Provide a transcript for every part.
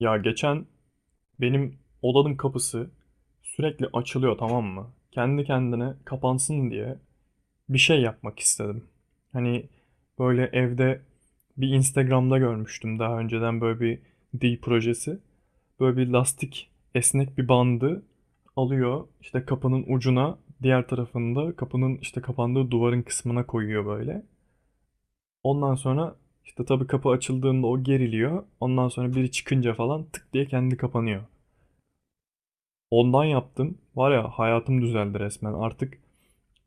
Ya geçen benim odanın kapısı sürekli açılıyor, tamam mı? Kendi kendine kapansın diye bir şey yapmak istedim. Hani böyle evde bir Instagram'da görmüştüm daha önceden böyle bir dil projesi. Böyle bir lastik, esnek bir bandı alıyor işte kapının ucuna, diğer tarafında kapının işte kapandığı duvarın kısmına koyuyor böyle. Ondan sonra işte tabii kapı açıldığında o geriliyor. Ondan sonra biri çıkınca falan tık diye kendi kapanıyor. Ondan yaptım. Var ya, hayatım düzeldi resmen. Artık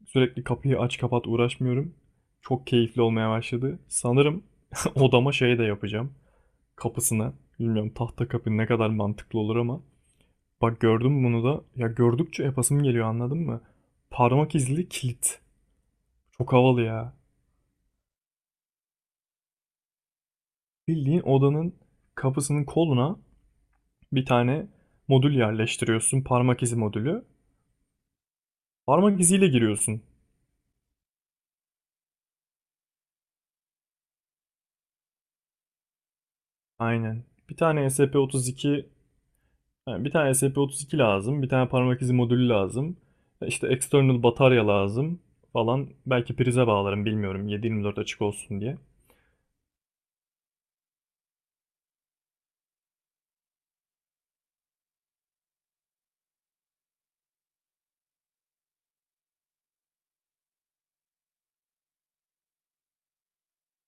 sürekli kapıyı aç kapat uğraşmıyorum. Çok keyifli olmaya başladı. Sanırım odama şey de yapacağım. Kapısına. Bilmiyorum, tahta kapı ne kadar mantıklı olur ama. Bak gördüm bunu da. Ya gördükçe yapasım geliyor, anladın mı? Parmak izli kilit. Çok havalı ya. Bildiğin odanın kapısının koluna bir tane modül yerleştiriyorsun. Parmak izi modülü. Parmak iziyle giriyorsun. Aynen. Bir tane SP32, yani bir tane SP32 lazım, bir tane parmak izi modülü lazım. İşte external batarya lazım falan. Belki prize bağlarım, bilmiyorum, 7/24 açık olsun diye.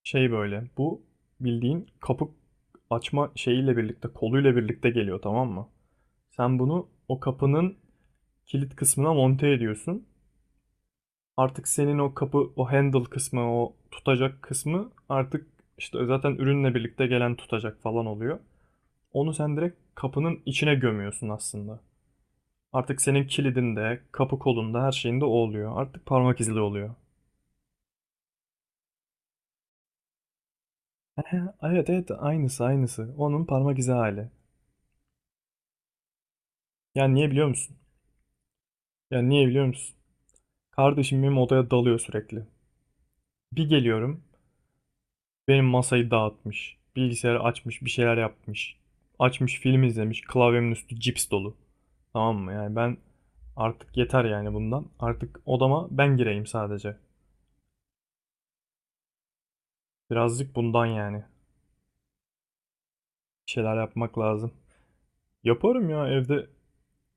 Şey, böyle bu bildiğin kapı açma şeyiyle birlikte, koluyla birlikte geliyor, tamam mı? Sen bunu o kapının kilit kısmına monte ediyorsun. Artık senin o kapı, o handle kısmı, o tutacak kısmı artık işte zaten ürünle birlikte gelen tutacak falan oluyor. Onu sen direkt kapının içine gömüyorsun aslında. Artık senin kilidinde, kapı kolunda, her şeyinde o oluyor. Artık parmak izli oluyor. Ehe, evet evet, aynısı aynısı. Onun parmak izi hali. Yani niye biliyor musun? Yani niye biliyor musun? Kardeşim benim odaya dalıyor sürekli. Bir geliyorum, benim masayı dağıtmış. Bilgisayarı açmış, bir şeyler yapmış. Açmış, film izlemiş, klavyemin üstü cips dolu. Tamam mı? Yani ben artık yeter yani bundan. Artık odama ben gireyim sadece. Birazcık bundan yani. Bir şeyler yapmak lazım. Yaparım ya. Evde,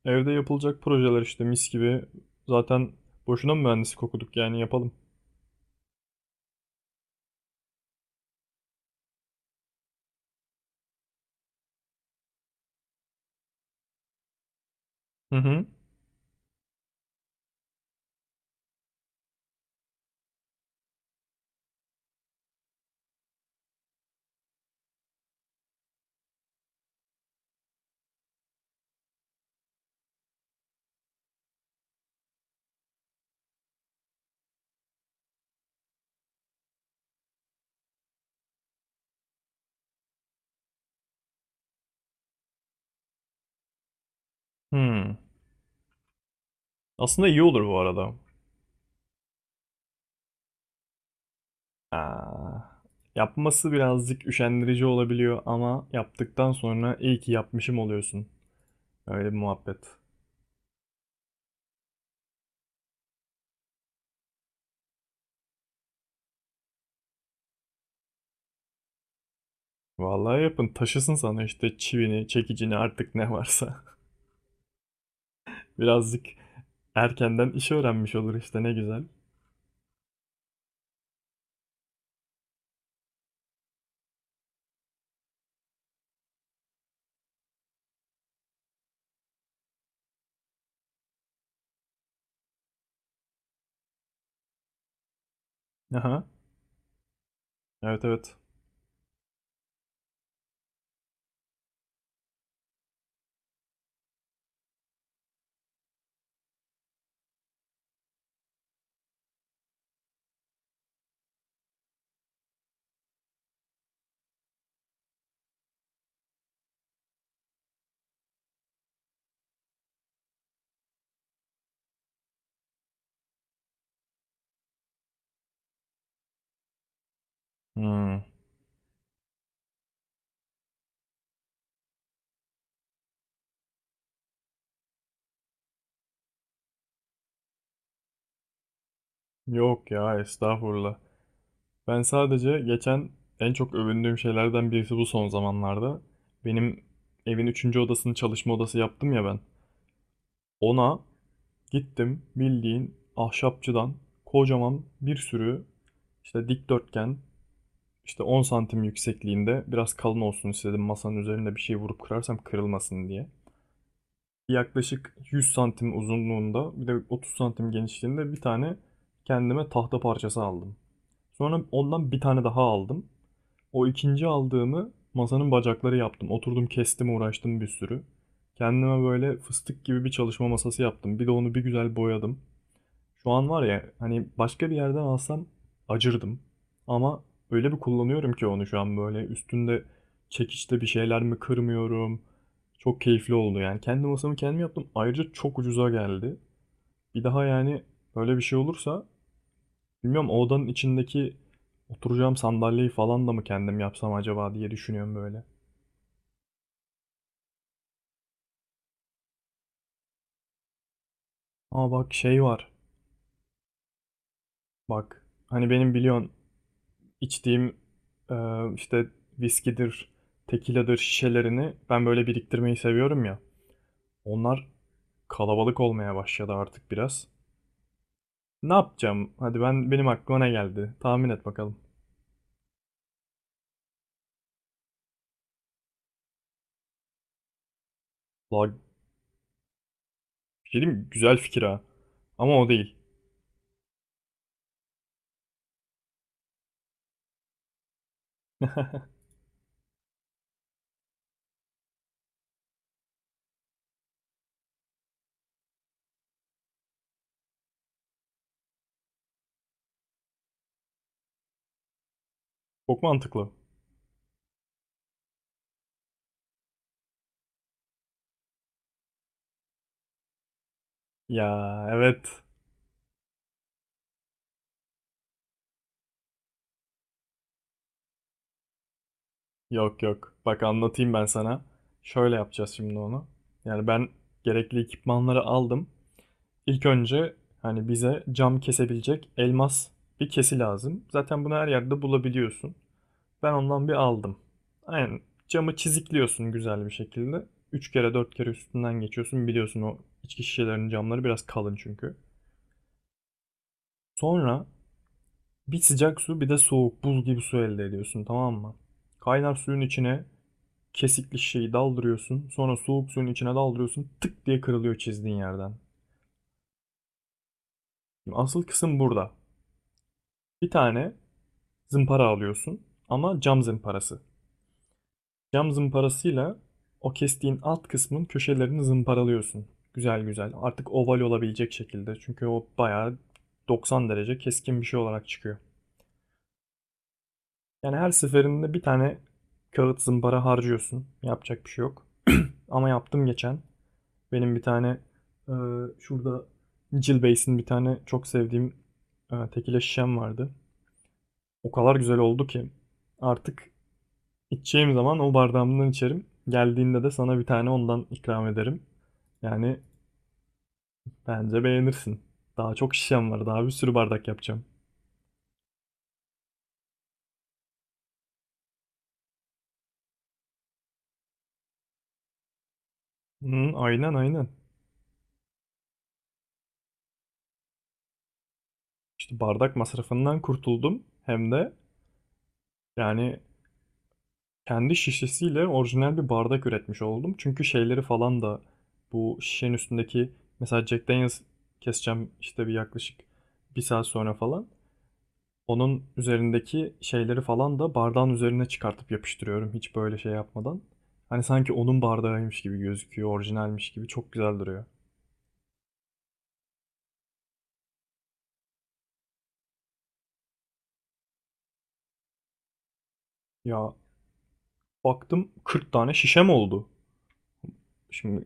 evde yapılacak projeler işte mis gibi. Zaten boşuna mı mühendislik okuduk, yani yapalım. Hı hı. Hmm. Aslında iyi olur bu arada. Aa, yapması birazcık üşendirici olabiliyor ama yaptıktan sonra iyi ki yapmışım oluyorsun. Öyle bir muhabbet. Vallahi yapın, taşısın sana işte çivini, çekicini, artık ne varsa. Birazcık erkenden işi öğrenmiş olur işte, ne güzel. Aha. Evet evet. Hmm. Yok ya, estağfurullah. Ben sadece geçen en çok övündüğüm şeylerden birisi bu son zamanlarda. Benim evin üçüncü odasını çalışma odası yaptım ya ben. Ona gittim, bildiğin ahşapçıdan kocaman bir sürü, işte dikdörtgen, işte 10 santim yüksekliğinde, biraz kalın olsun istedim masanın üzerinde bir şey vurup kırarsam kırılmasın diye, yaklaşık 100 santim uzunluğunda bir de 30 santim genişliğinde bir tane kendime tahta parçası aldım. Sonra ondan bir tane daha aldım. O ikinci aldığımı masanın bacakları yaptım. Oturdum, kestim, uğraştım bir sürü. Kendime böyle fıstık gibi bir çalışma masası yaptım. Bir de onu bir güzel boyadım. Şu an var ya, hani başka bir yerden alsam acırdım. Ama öyle bir kullanıyorum ki onu şu an, böyle üstünde çekiçte bir şeyler mi kırmıyorum. Çok keyifli oldu yani. Kendi masamı kendim yaptım. Ayrıca çok ucuza geldi. Bir daha yani böyle bir şey olursa, bilmiyorum, o odanın içindeki oturacağım sandalyeyi falan da mı kendim yapsam acaba diye düşünüyorum böyle. Ama bak, şey var. Bak hani benim biliyorsun içtiğim, e, işte viskidir, tekiladır şişelerini ben böyle biriktirmeyi seviyorum ya. Onlar kalabalık olmaya başladı artık biraz. Ne yapacağım? Hadi, ben, benim aklıma ne geldi? Tahmin et bakalım. La, bir şey diyeyim mi? Güzel fikir ha. Ama o değil. Çok mantıklı. Ya evet. Yok yok. Bak anlatayım ben sana. Şöyle yapacağız şimdi onu. Yani ben gerekli ekipmanları aldım. İlk önce, hani bize cam kesebilecek elmas bir kesi lazım. Zaten bunu her yerde bulabiliyorsun. Ben ondan bir aldım. Aynen, camı çizikliyorsun güzel bir şekilde. 3 kere 4 kere üstünden geçiyorsun. Biliyorsun o içki şişelerinin camları biraz kalın çünkü. Sonra bir sıcak su, bir de soğuk buz gibi su elde ediyorsun, tamam mı? Kaynar suyun içine kesikli şeyi daldırıyorsun. Sonra soğuk suyun içine daldırıyorsun. Tık diye kırılıyor çizdiğin yerden. Asıl kısım burada. Bir tane zımpara alıyorsun ama cam zımparası. Cam zımparasıyla o kestiğin alt kısmın köşelerini zımparalıyorsun. Güzel güzel. Artık oval olabilecek şekilde. Çünkü o bayağı 90 derece keskin bir şey olarak çıkıyor. Yani her seferinde bir tane kağıt zımpara harcıyorsun. Yapacak bir şey yok. Ama yaptım geçen. Benim bir tane e, şurada Jill Bass'in bir tane çok sevdiğim tekile şişem vardı. O kadar güzel oldu ki artık İçeceğim zaman o bardağımdan içerim. Geldiğinde de sana bir tane ondan ikram ederim. Yani bence beğenirsin. Daha çok şişem var. Daha bir sürü bardak yapacağım. Hı, aynen aynen. İşte bardak masrafından kurtuldum. Hem de yani kendi şişesiyle orijinal bir bardak üretmiş oldum. Çünkü şeyleri falan da, bu şişenin üstündeki, mesela Jack Daniels keseceğim işte bir, yaklaşık bir saat sonra falan. Onun üzerindeki şeyleri falan da bardağın üzerine çıkartıp yapıştırıyorum, hiç böyle şey yapmadan. Hani sanki onun bardağıymış gibi gözüküyor, orijinalmiş gibi çok güzel duruyor. Ya baktım 40 tane şişem oldu. Şimdi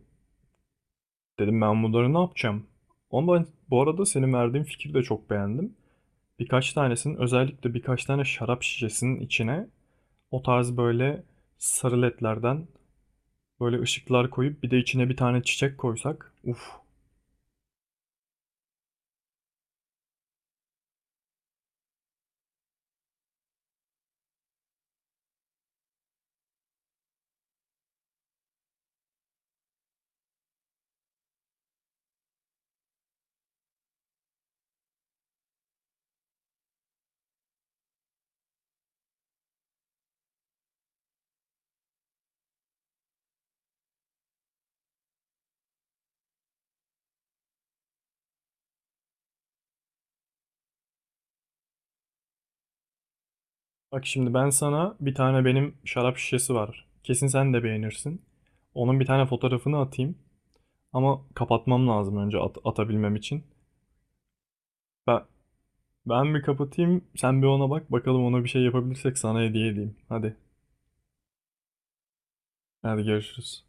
dedim ben bunları ne yapacağım? Ama ben bu arada senin verdiğin fikri de çok beğendim. Birkaç tanesinin, özellikle birkaç tane şarap şişesinin içine o tarz böyle sarı ledlerden böyle ışıklar koyup bir de içine bir tane çiçek koysak. Uf. Bak şimdi, ben sana, bir tane benim şarap şişesi var. Kesin sen de beğenirsin. Onun bir tane fotoğrafını atayım. Ama kapatmam lazım önce atabilmem için. Ben, ben bir kapatayım, sen bir ona bak. Bakalım ona bir şey yapabilirsek sana hediye edeyim. Hadi, hadi görüşürüz.